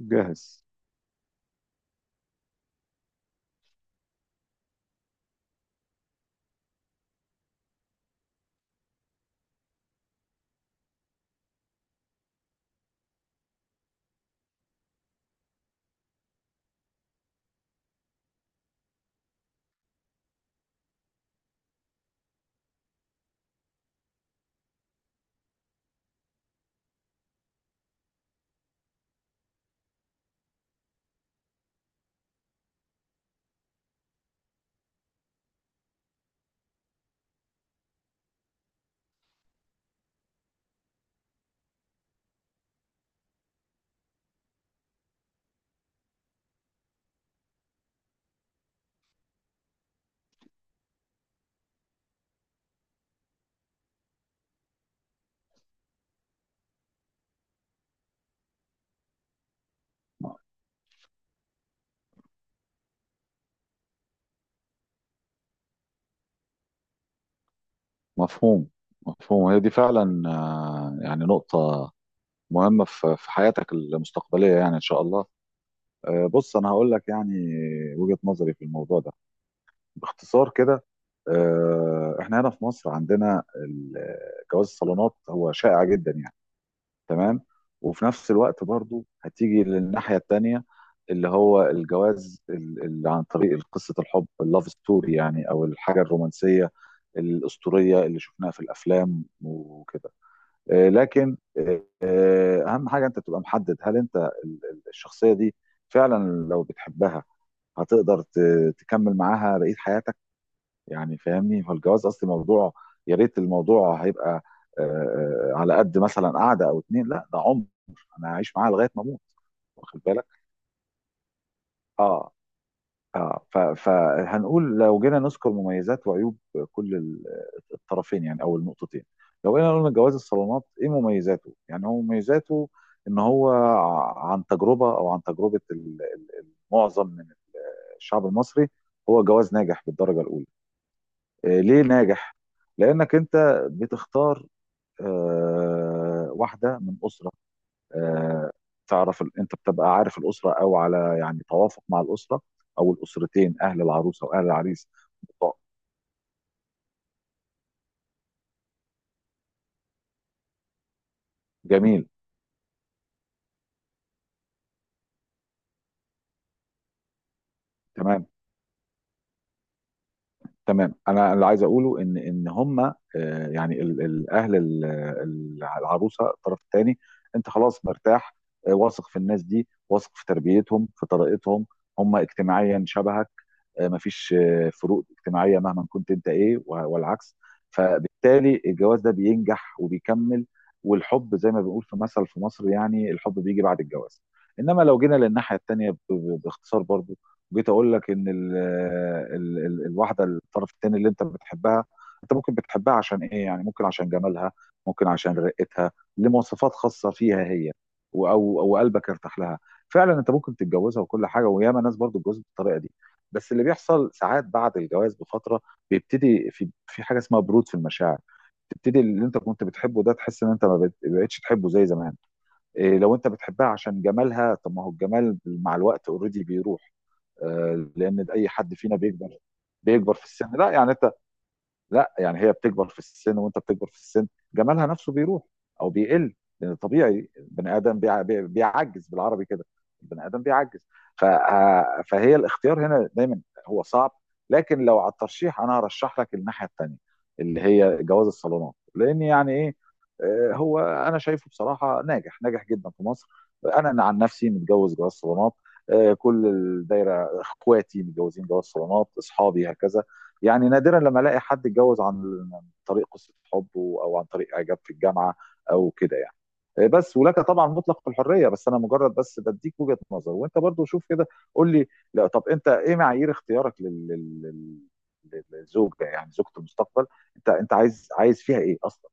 جاهز. مفهوم. مفهوم، هي دي فعلا، يعني نقطة مهمة في حياتك المستقبلية، يعني إن شاء الله. بص، أنا هقول لك يعني وجهة نظري في الموضوع ده باختصار كده. إحنا هنا في مصر عندنا جواز الصالونات هو شائع جدا يعني. تمام. وفي نفس الوقت برضو هتيجي للناحية التانية، اللي هو الجواز اللي عن طريق قصة الحب، اللاف ستوري يعني، او الحاجة الرومانسية الأسطورية اللي شفناها في الأفلام وكده. لكن أهم حاجة أنت تبقى محدد، هل أنت الشخصية دي فعلا لو بتحبها هتقدر تكمل معاها بقية حياتك، يعني فاهمني. هو الجواز اصل موضوع، يا ريت الموضوع هيبقى آه، على قد مثلا قعده او اتنين. لا، ده عمر انا هعيش معاها لغايه ما اموت. واخد بالك؟ اه، اه، فهنقول لو جينا نذكر مميزات وعيوب كل الطرفين، يعني او النقطتين. لو جينا قلنا جواز الصالونات ايه مميزاته، يعني هو مميزاته ان هو عن تجربه معظم من الشعب المصري، هو جواز ناجح بالدرجه الاولى. ليه ناجح؟ لأنك أنت بتختار واحدة من أسرة، آه، تعرف أنت بتبقى عارف الأسرة، أو على يعني توافق مع الأسرة أو الأسرتين، أهل العروسة وأهل العريس. جميل. تمام. تمام، أنا اللي عايز أقوله إن هما يعني أهل العروسة، الطرف الثاني، أنت خلاص مرتاح، واثق في الناس دي، واثق في تربيتهم في طريقتهم. هم اجتماعيا شبهك، مفيش فروق اجتماعيه مهما كنت انت ايه والعكس. فبالتالي الجواز ده بينجح وبيكمل، والحب زي ما بنقول في مثل في مصر يعني الحب بيجي بعد الجواز. انما لو جينا للناحيه التانيه، باختصار برضو، جيت اقول لك ان ال ال ال الواحده، الطرف التاني اللي انت بتحبها، انت ممكن بتحبها عشان ايه؟ يعني ممكن عشان جمالها، ممكن عشان رقتها، لمواصفات خاصه فيها هي، او قلبك ارتاح لها، فعلا انت ممكن تتجوزها وكل حاجه، وياما ناس برضو اتجوزت بالطريقه دي. بس اللي بيحصل ساعات بعد الجواز بفتره بيبتدي في حاجه اسمها برود في المشاعر، تبتدي اللي انت كنت بتحبه ده تحس ان انت ما بقت- بقتش تحبه زي زمان. إيه؟ لو انت بتحبها عشان جمالها، طب ما هو الجمال مع الوقت اوريدي بيروح. لان اي حد فينا بيكبر بيكبر في السن، لا يعني هي بتكبر في السن وانت بتكبر في السن، جمالها نفسه بيروح او بيقل. لان طبيعي البني ادم بيعجز، بالعربي كده البني ادم بيعجز. فهي الاختيار هنا دايما هو صعب. لكن لو على الترشيح، انا هرشح لك الناحيه الثانيه، اللي هي جواز الصالونات. لان يعني ايه؟ هو انا شايفه بصراحه ناجح ناجح جدا في مصر. انا عن نفسي متجوز جواز صالونات، كل الدايره اخواتي متجوزين جواز صالونات، اصحابي، هكذا. يعني نادرا لما الاقي حد اتجوز عن طريق قصه حبه او عن طريق اعجاب في الجامعه او كده يعني. بس، ولك طبعا مطلق الحريه، بس انا مجرد بس بديك وجهه نظر، وانت برضو شوف كده. قول لي، لا طب، انت ايه معايير اختيارك للزوجه، يعني زوجه المستقبل، انت عايز فيها ايه اصلا؟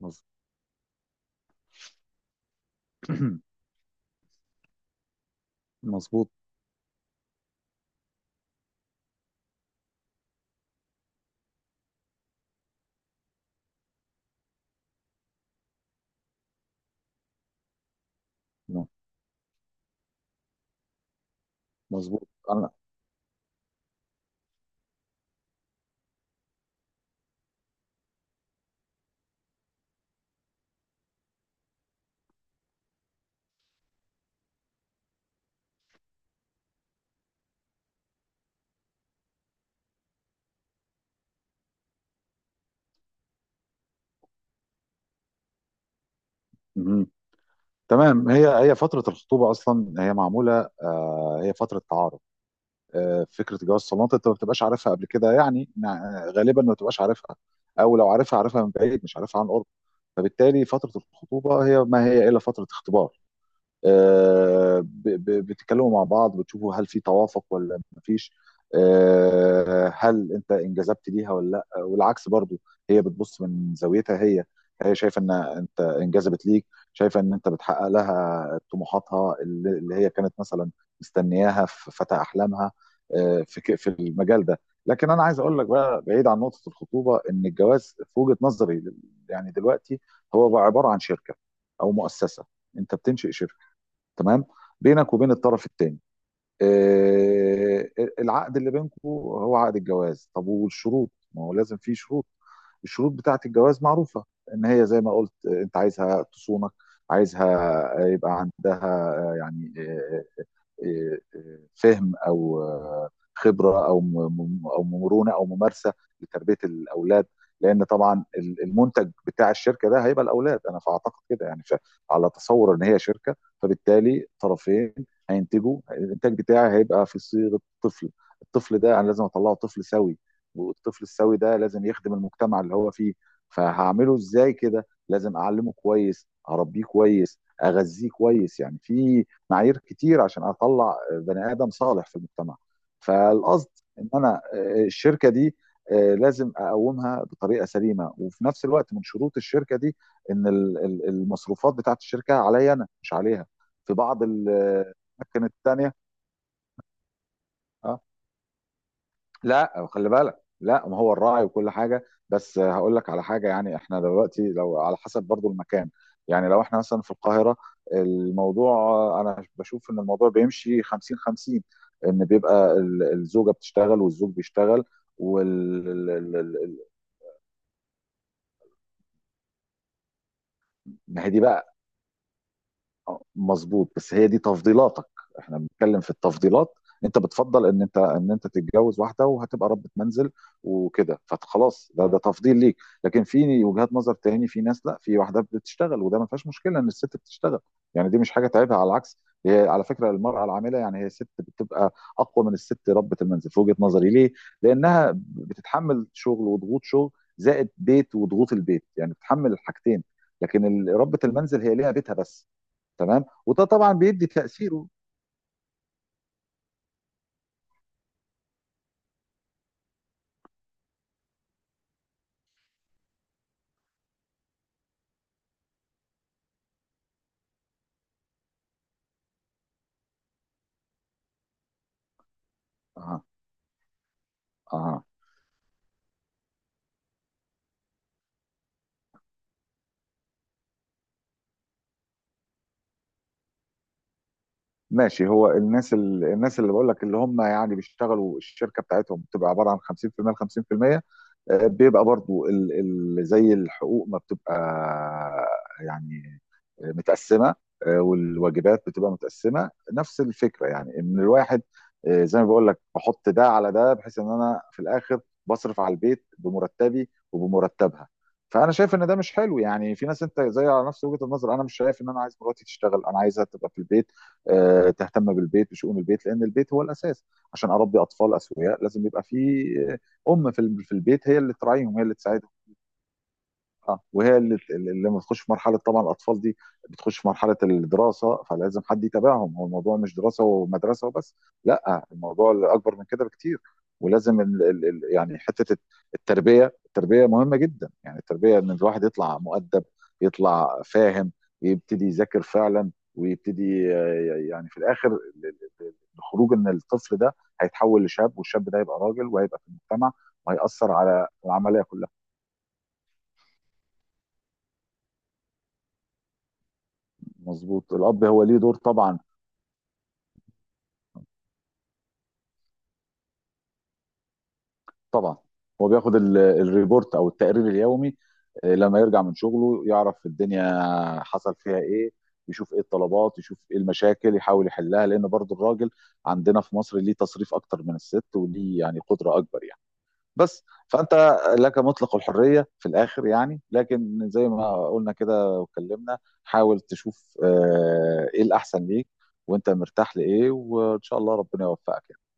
مظ- مظبوط. مظبوط انا. مهم. تمام، هي هي فتره الخطوبه اصلا هي معموله، هي فتره تعارف. فكره جواز الصالونات انت ما بتبقاش عارفها قبل كده يعني، غالبا ما بتبقاش عارفها، او لو عارفها عارفها من بعيد مش عارفها عن قرب. فبالتالي فتره الخطوبه هي ما هي الا فتره اختبار، بتتكلموا مع بعض، بتشوفوا هل في توافق ولا مفيش، هل انت انجذبت ليها ولا لا والعكس برضو. هي بتبص من زاويتها هي، شايفه ان انت انجذبت ليك، شايفه ان انت بتحقق لها طموحاتها اللي هي كانت مثلا مستنياها في فتى احلامها، في المجال ده. لكن انا عايز اقول لك بقى، بعيد عن نقطه الخطوبه، ان الجواز في وجهه نظري يعني دلوقتي هو بقى عباره عن شركه او مؤسسه. انت بتنشئ شركه، تمام، بينك وبين الطرف الثاني. آه، العقد اللي بينكم هو عقد الجواز، طب والشروط؟ ما هو لازم فيه شروط. الشروط بتاعة الجواز معروفة، ان هي زي ما قلت، انت عايزها تصونك، عايزها يبقى عندها آه، يعني آه، فهم او خبره او مرونه او ممارسه لتربيه الاولاد. لان طبعا المنتج بتاع الشركه ده هيبقى الاولاد، انا فاعتقد كده يعني، على تصور ان هي شركه. فبالتالي طرفين هينتجوا الانتاج بتاعي، هيبقى في صيغه طفل، الطفل ده انا لازم اطلعه طفل سوي، والطفل السوي ده لازم يخدم المجتمع اللي هو فيه. فهعمله ازاي كده؟ لازم اعلمه كويس، اربيه كويس، اغذيه كويس، يعني في معايير كتير عشان اطلع بني ادم صالح في المجتمع. فالقصد ان انا، الشركه دي، لازم اقومها بطريقه سليمه، وفي نفس الوقت من شروط الشركه دي ان المصروفات بتاعت الشركه عليا انا مش عليها في بعض الاماكن التانيه. آه، لا، خلي بالك، لا ما هو الراعي وكل حاجه، بس هقول لك على حاجه يعني، احنا دلوقتي لو على حسب برضو المكان يعني، لو احنا مثلا في القاهره، الموضوع انا بشوف ان الموضوع بيمشي 50 50. ان بيبقى الزوجه بتشتغل والزوج بيشتغل، وال ال- ال- ال- ما هي دي بقى. مظبوط، بس هي دي تفضيلاتك، احنا بنتكلم في التفضيلات. انت بتفضل ان انت تتجوز واحده وهتبقى ربة منزل وكده، فخلاص ده تفضيل ليك. لكن في وجهات نظر تاني، في ناس لا، في واحده بتشتغل، وده ما فيهاش مشكله ان الست بتشتغل، يعني دي مش حاجه تعيبها، على العكس. هي على فكره المراه العامله يعني، هي الست بتبقى اقوى من الست ربة المنزل في وجهه نظري. ليه؟ لانها بتتحمل شغل وضغوط شغل، زائد بيت وضغوط البيت، يعني بتتحمل الحاجتين. لكن ربة المنزل هي ليها بيتها بس. تمام، وده طبعا بيدي تأثيره. اه، اه، ماشي. هو الناس الناس اللي بقول لك، اللي هم يعني بيشتغلوا، الشركه بتاعتهم بتبقى عباره عن 50% ل 50%، بيبقى برضو زي الحقوق ما بتبقى، يعني متقسمه، والواجبات بتبقى متقسمه نفس الفكره يعني. ان الواحد، زي ما بقول لك، بحط ده على ده، بحيث ان انا في الاخر بصرف على البيت بمرتبي وبمرتبها. فانا شايف ان ده مش حلو، يعني في ناس انت زي على نفس وجهه النظر، انا مش شايف ان انا عايز مراتي تشتغل، انا عايزها تبقى في البيت، تهتم بالبيت بشؤون البيت، لان البيت هو الاساس. عشان اربي اطفال اسوياء لازم يبقى في ام في في البيت، هي اللي تراعيهم، هي اللي تساعدهم. اه، وهي اللي لما بتخش في مرحله، طبعا الاطفال دي بتخش في مرحله الدراسه، فلازم حد يتابعهم. هو الموضوع مش دراسه ومدرسه وبس، لا الموضوع اكبر من كده بكتير. ولازم ال ال ال يعني حته التربيه، التربيه مهمه جدا يعني. التربيه ان الواحد يطلع مؤدب، يطلع فاهم، يبتدي يذاكر فعلا، ويبتدي يعني في الاخر الخروج، ان الطفل ده هيتحول لشاب، والشاب ده هيبقى راجل وهيبقى في المجتمع، وهيأثر على العمليه كلها. مظبوط، الاب هو ليه دور طبعا. طبعا هو بياخد الريبورت او التقرير اليومي، لما يرجع من شغله يعرف الدنيا حصل فيها ايه، يشوف ايه الطلبات، يشوف ايه المشاكل، يحاول يحلها، لان برضو الراجل عندنا في مصر ليه تصريف اكتر من الست، وليه يعني قدرة اكبر يعني. بس فانت لك مطلق الحرية في الاخر يعني، لكن زي ما قلنا كده واتكلمنا، حاول تشوف ايه الاحسن ليك وانت مرتاح لايه، وان شاء الله ربنا يوفقك يعني.